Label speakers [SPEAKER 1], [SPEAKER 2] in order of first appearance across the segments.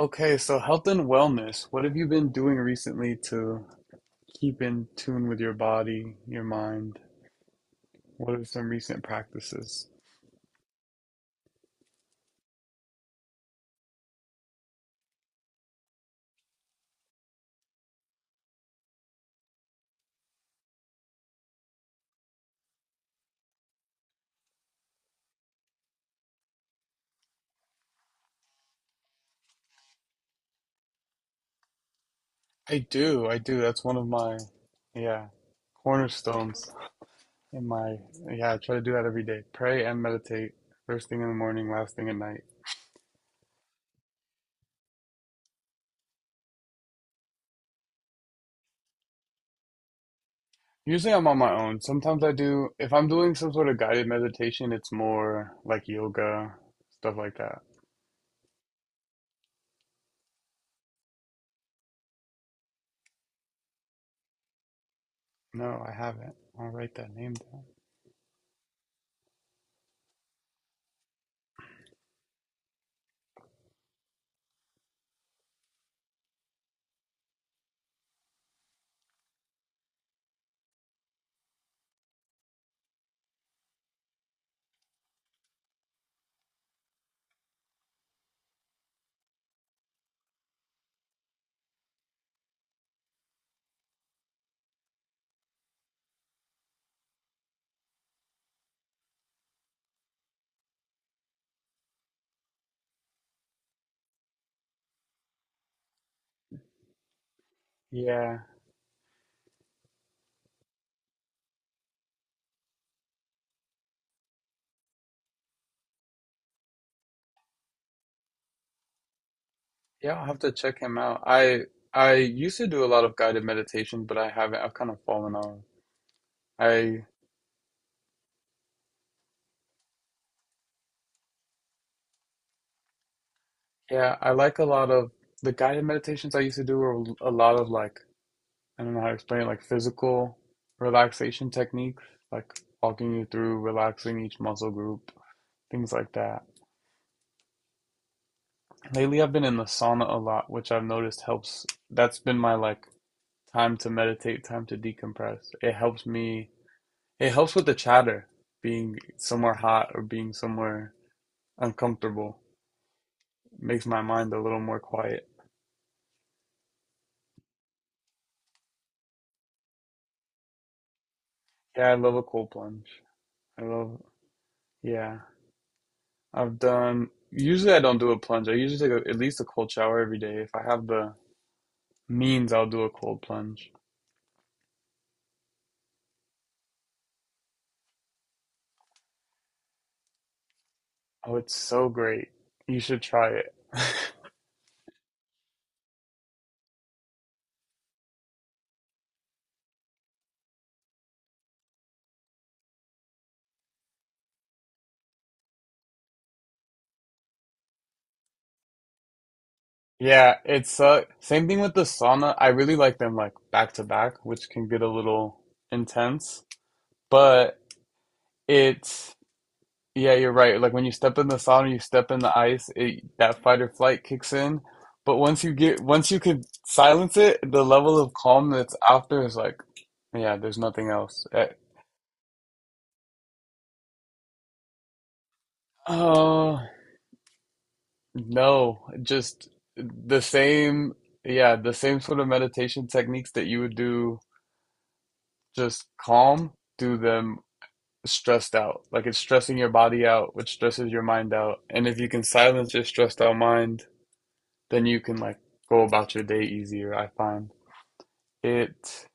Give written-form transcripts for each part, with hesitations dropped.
[SPEAKER 1] Okay, so health and wellness, what have you been doing recently to keep in tune with your body, your mind? What are some recent practices? I do, I do. That's one of my, yeah, cornerstones in my, yeah, I try to do that every day. Pray and meditate first thing in the morning, last thing at night. Usually I'm on my own. Sometimes I do, if I'm doing some sort of guided meditation, it's more like yoga, stuff like that. No, I haven't. I'll write that name down. Yeah. Yeah, I'll have to check him out. I used to do a lot of guided meditation, but I haven't. I've kind of fallen off. I yeah, I like a lot of the guided meditations I used to do were a lot of like I don't know how to explain it, like physical relaxation techniques, like walking you through relaxing each muscle group, things like that. Lately, I've been in the sauna a lot, which I've noticed helps. That's been my like time to meditate, time to decompress. It helps me. It helps with the chatter, being somewhere hot or being somewhere uncomfortable. Makes my mind a little more quiet. Yeah, I love a cold plunge. I love, yeah. I've done, usually I don't do a plunge. I usually take a, at least a cold shower every day. If I have the means, I'll do a cold plunge. Oh, it's so great. You should try it. Yeah, it's same thing with the sauna. I really like them like back to back, which can get a little intense, but it's yeah, you're right. Like when you step in the sauna, you step in the ice, it, that fight or flight kicks in. But once you get, once you could silence it, the level of calm that's after is like, yeah, there's nothing else. Eh, oh, no, just the same, yeah, the same sort of meditation techniques that you would do just calm, do them stressed out. Like it's stressing your body out, which stresses your mind out. And if you can silence your stressed out mind, then you can like go about your day easier, I find. It,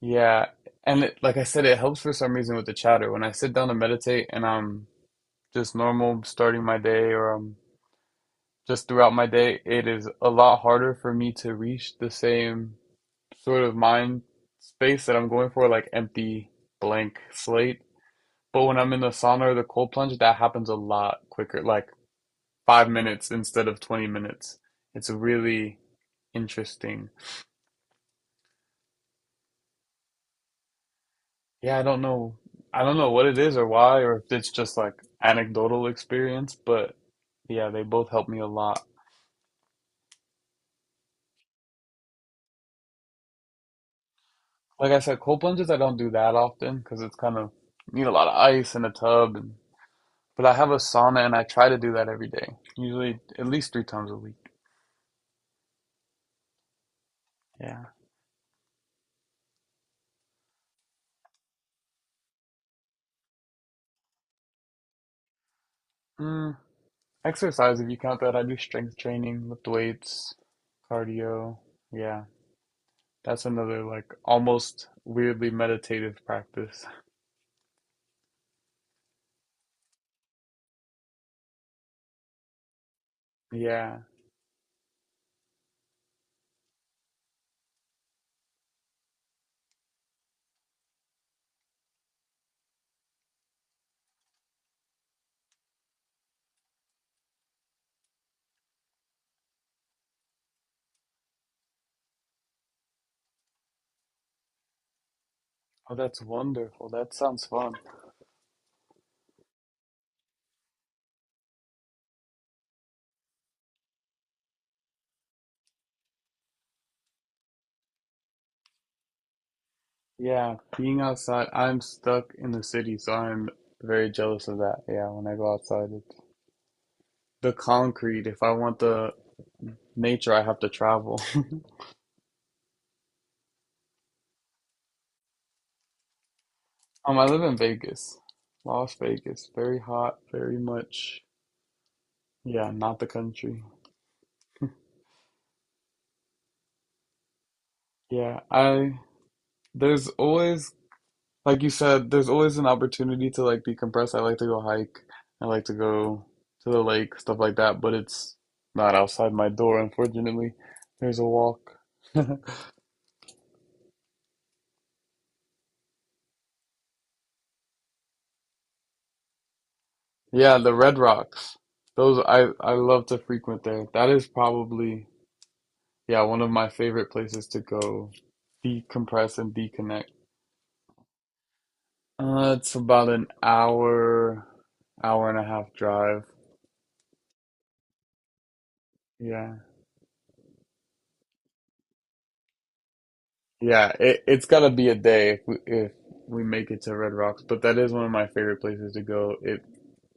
[SPEAKER 1] yeah, and it, like I said, it helps for some reason with the chatter. When I sit down to meditate and I'm just normal starting my day or I'm just throughout my day, it is a lot harder for me to reach the same sort of mind space that I'm going for, like empty blank slate. But when I'm in the sauna or the cold plunge, that happens a lot quicker, like 5 minutes instead of 20 minutes. It's really interesting. Yeah, I don't know. I don't know what it is or why, or if it's just like anecdotal experience, but yeah, they both help me a lot. Like I said, cold plunges I don't do that often because it's kind of need a lot of ice in a tub, and, but I have a sauna and I try to do that every day, usually at least three times a week. Yeah. Mm, exercise, if you count that, I do strength training, lift weights, cardio. Yeah, that's another like almost weirdly meditative practice. Yeah. Oh, that's wonderful. That sounds fun. Yeah, being outside, I'm stuck in the city, so I'm very jealous of that. Yeah, when I go outside, it's the concrete. If I want the nature, I have to travel. I live in Vegas, Las Vegas. Very hot, very much. Yeah, not the country. Yeah, I there's always like you said, there's always an opportunity to like decompress. I like to go hike. I like to go to the lake, stuff like that, but it's not outside my door, unfortunately. There's a walk. Yeah, the Red Rocks. Those I love to frequent there. That is probably yeah, one of my favorite places to go decompress and deconnect. It's about an hour, hour and a half drive. Yeah. Yeah, it it's gotta be a day if we make it to Red Rocks, but that is one of my favorite places to go. It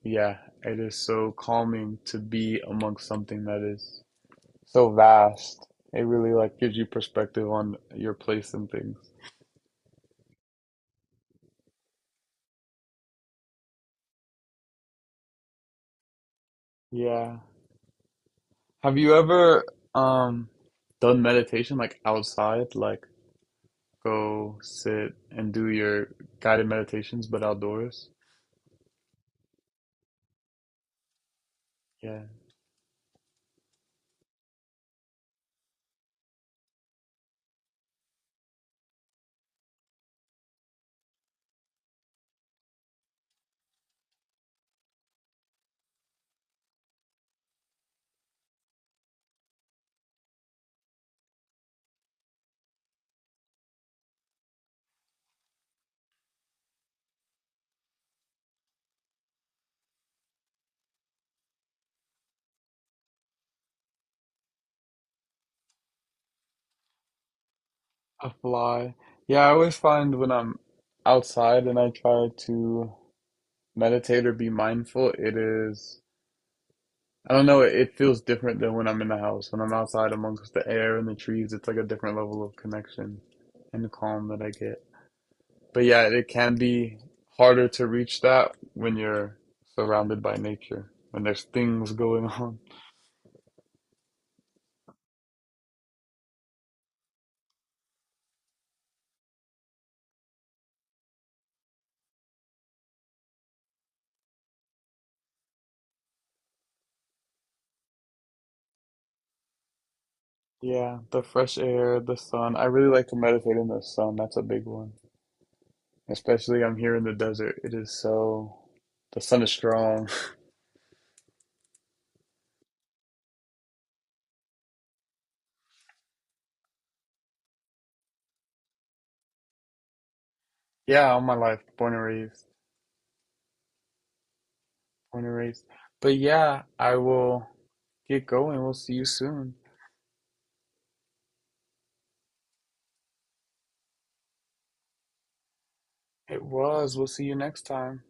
[SPEAKER 1] yeah, it is so calming to be amongst something that is so vast. It really like gives you perspective on your place and things. Yeah. Have you ever um done meditation like outside, like go sit and do your guided meditations but outdoors? Yeah. A fly. Yeah, I always find when I'm outside and I try to meditate or be mindful, it is I don't know, it feels different than when I'm in the house. When I'm outside amongst the air and the trees, it's like a different level of connection and calm that I get. But yeah, it can be harder to reach that when you're surrounded by nature, when there's things going on. Yeah, the fresh air, the sun. I really like to meditate in the sun. That's a big one. Especially I'm here in the desert. It is so, the sun is strong. Yeah, all my life, born and raised, born and raised. But yeah, I will get going. We'll see you soon. It was. We'll see you next time.